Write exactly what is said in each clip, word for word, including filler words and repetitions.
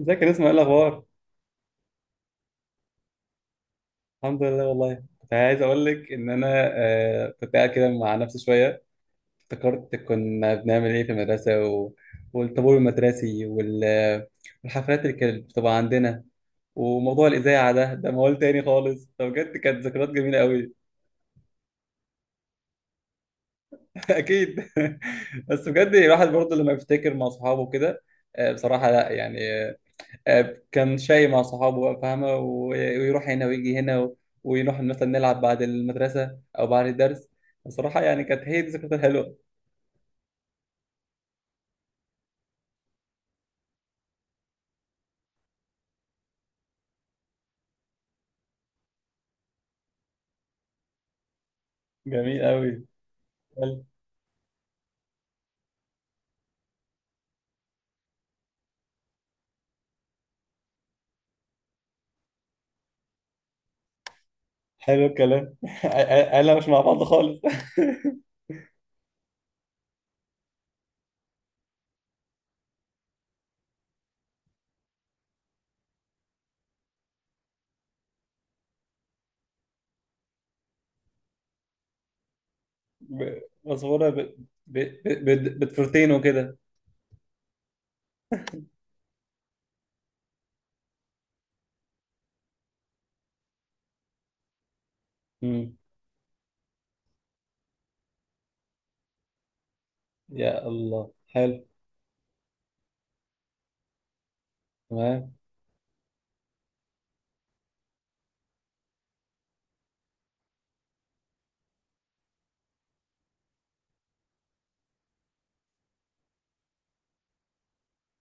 ازيك يا نسمة؟ ايه الاخبار؟ الحمد لله والله. كنت عايز اقول لك ان انا آه، كنت قاعد كده مع نفسي شويه. افتكرت كنا بنعمل ايه في المدرسه و... والطابور المدرسي وال... والحفلات اللي كانت بتبقى عندنا، وموضوع الاذاعه ده ده موال تاني خالص. فبجد كانت ذكريات جميله قوي. اكيد. بس بجد الواحد برضه لما بيفتكر مع صحابه كده، آه بصراحه، لا يعني، آه، كان شاي مع صحابه بقى، فاهمة، و- ويروح هنا ويجي هنا و- ونروح مثلا نلعب بعد المدرسة أو بعد الدرس. بصراحة يعني كانت هي دي الذكريات الحلوة. جميل أوي. حلو. حلو الكلام. أنا مش مع بعض خالص. ب- مصورة ب... ب... ب... ب- بتفرتين وكده. مم. يا الله حلو. تمام.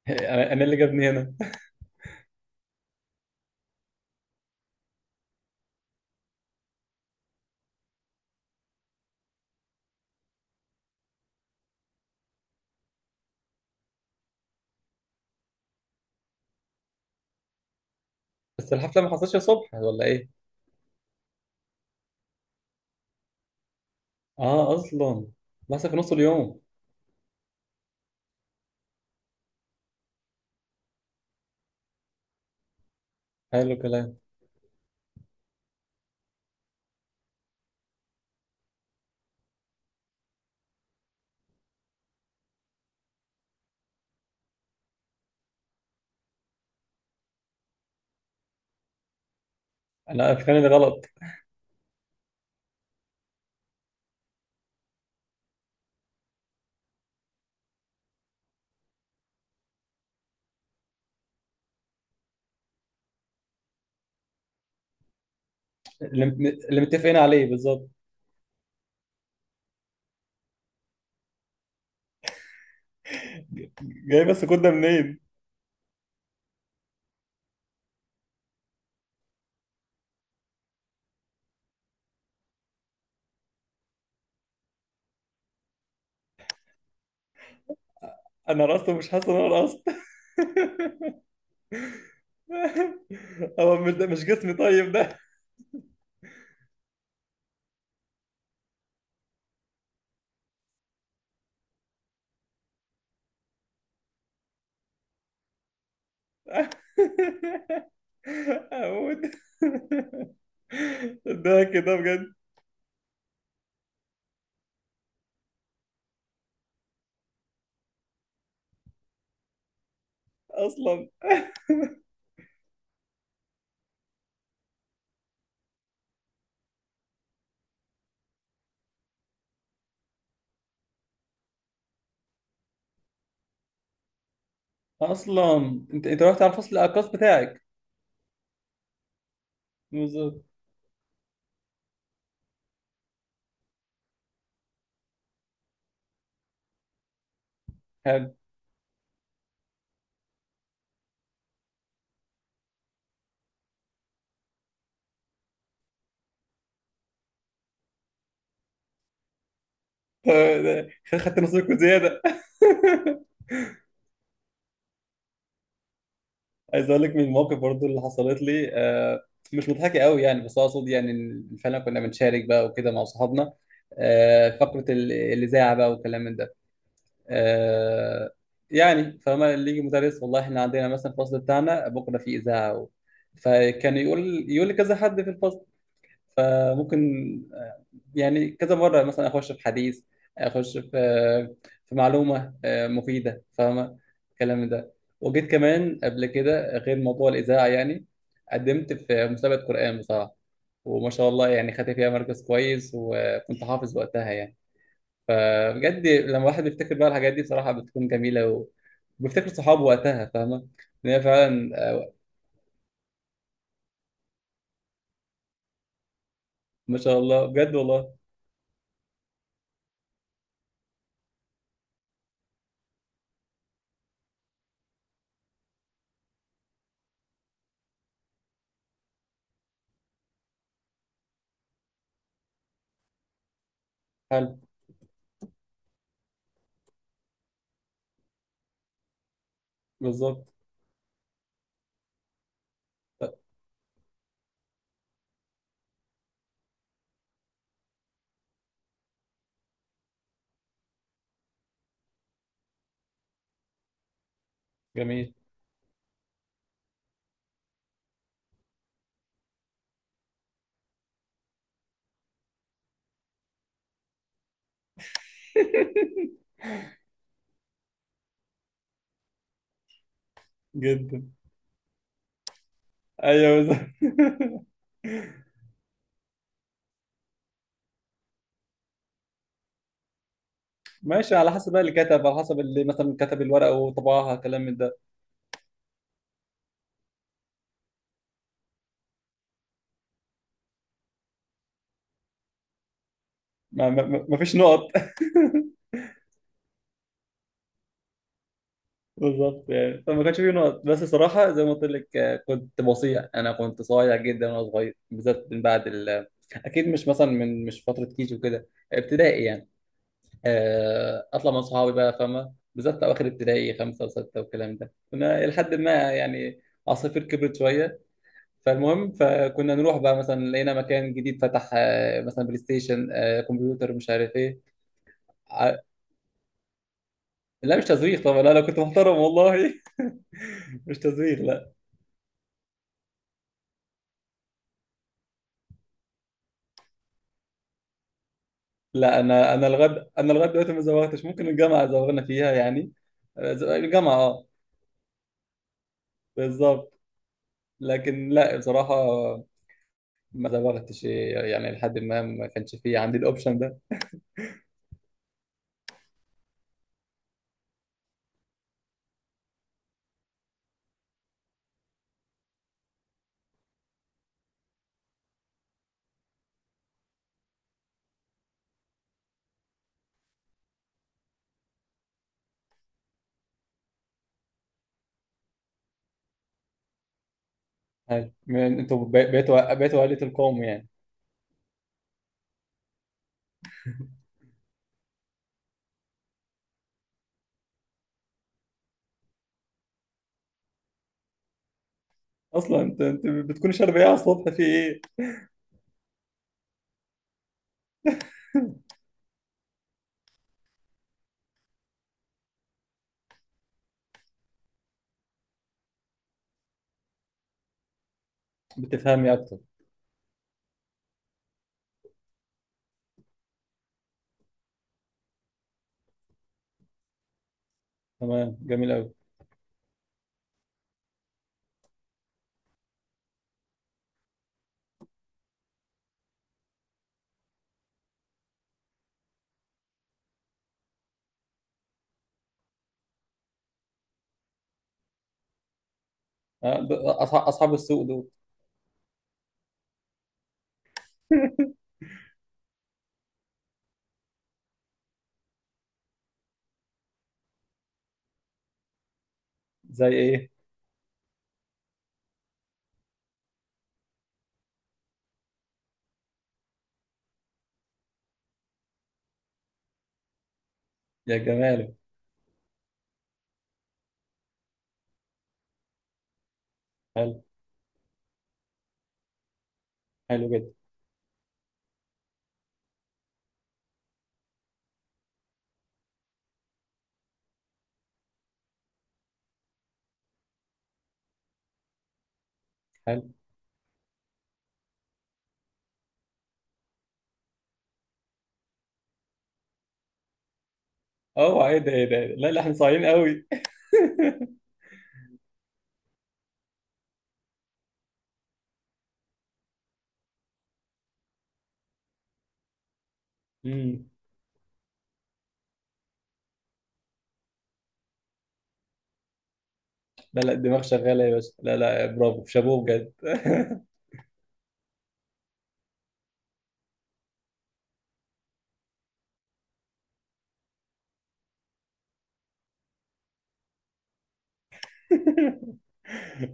أنا أنا اللي جابني هنا. بس الحفلة ما حصلتش الصبح ولا إيه؟ آه أصلا. بس في نص اليوم. حلو الكلام. أنا أفكاري غلط. اللي اللي متفقين عليه بالظبط. جاي بس كنت ده منين؟ انا رقصت ومش حاسس ان انا رقصت. هو مش ده مش جسمي طيب ده؟ اموت. ده كده بجد اصلا. اصلا انت انت رحت على الفصل الارقص بتاعك؟ بالظبط. حلو. خدت نصيبك زياده. عايز اقول لك من المواقف برضو اللي حصلت لي، آه، مش مضحكه قوي يعني، بس اقصد يعني إن فعلا كنا بنشارك بقى وكده مع صحابنا. آه، فقره ال- الاذاعه بقى والكلام من ده. آه، يعني فما اللي يجي مدرس، والله احنا عندنا مثلا الفصل بتاعنا بكره في اذاعه، فكان يقول يقول لكذا حد في الفصل، فممكن آه، يعني كذا مرة مثلا أخش في حديث، أخش في آه، في معلومة آه، مفيدة، فاهمة الكلام ده. وجيت كمان قبل كده غير موضوع الإذاعة يعني، قدمت في مسابقة قرآن بصراحة، وما شاء الله يعني خدت فيها مركز كويس، وكنت حافظ وقتها يعني. فبجد لما الواحد بيفتكر بقى الحاجات دي بصراحة بتكون جميلة و... وبيفتكر صحابه وقتها، فاهمة إن هي فعلا. آه، ما شاء الله بجد والله. حلو. بالظبط. جميل. جدا. ايوه بالظبط. ماشي، على حسب بقى اللي كتب، على حسب اللي مثلا كتب الورقه وطبعها كلام من ده. ما, ما, ما ما فيش نقط. بالظبط. يعني فما كانش فيه نقط، بس صراحه زي ما قلت لك، آه، كنت بصيع، انا كنت صايع جدا وانا صغير، بالذات من بعد ال، اكيد مش مثلا من، مش فتره كيجي وكده، ابتدائي يعني. آه، اطلع مع صحابي بقى، فاهمه، بالذات اواخر ابتدائي، خمسه وسته والكلام ده، كنا لحد ما يعني عصافير كبرت شويه. فالمهم فكنا نروح بقى مثلا لقينا مكان جديد فتح، آه، مثلا بلاي ستيشن، آه، كمبيوتر، مش عارف ايه. ع- لا مش تزويق طبعا، لا انا كنت محترم والله. مش تزويق لا. لا انا انا لغد، انا لغايه دلوقتي ما زوغتش. ممكن الجامعه زوغنا فيها يعني. آه، ز- الجامعه اه. بالظبط. لكن لا بصراحه، ما زوغتش يعني لحد ما ما كانش فيه عندي الاوبشن ده. هاي من- انتوا بي- بيتوا بيتوا عائله القوم يعني. اصلا انت انت بتكون شارب ايه على الصبح؟ في ايه؟ بتفهمي اكتر. تمام، جميل قوي. اصحاب اصحاب السوق دول. زي ايه؟ يا جماله. حلو. حلو جدا. حلو. اوعى! ايه ده؟ ايه ده؟ إيه ده؟ لا لا، احنا صايعين قوي. امم لا لا، الدماغ شغاله يا باشا. لا لا، برافو، شابوه بجد.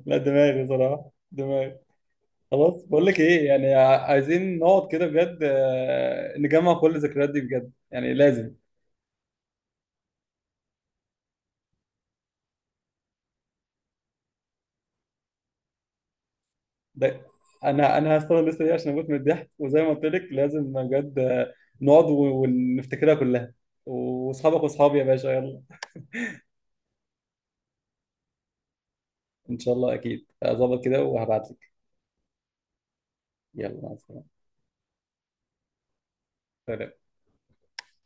لا دماغي صراحه، دماغي. خلاص بقول لك ايه، يعني عايزين نقعد كده بجد، آه، نجمع كل الذكريات دي بجد، يعني لازم. ده انا انا هستنى الليسته دي عشان اموت من الضحك، وزي ما قلت لك لازم بجد نقعد و- ونفتكرها كلها، واصحابك واصحابي يا باشا، يلا. ان شاء الله، اكيد هظبط كده وهبعت لك. يلا، مع السلامه.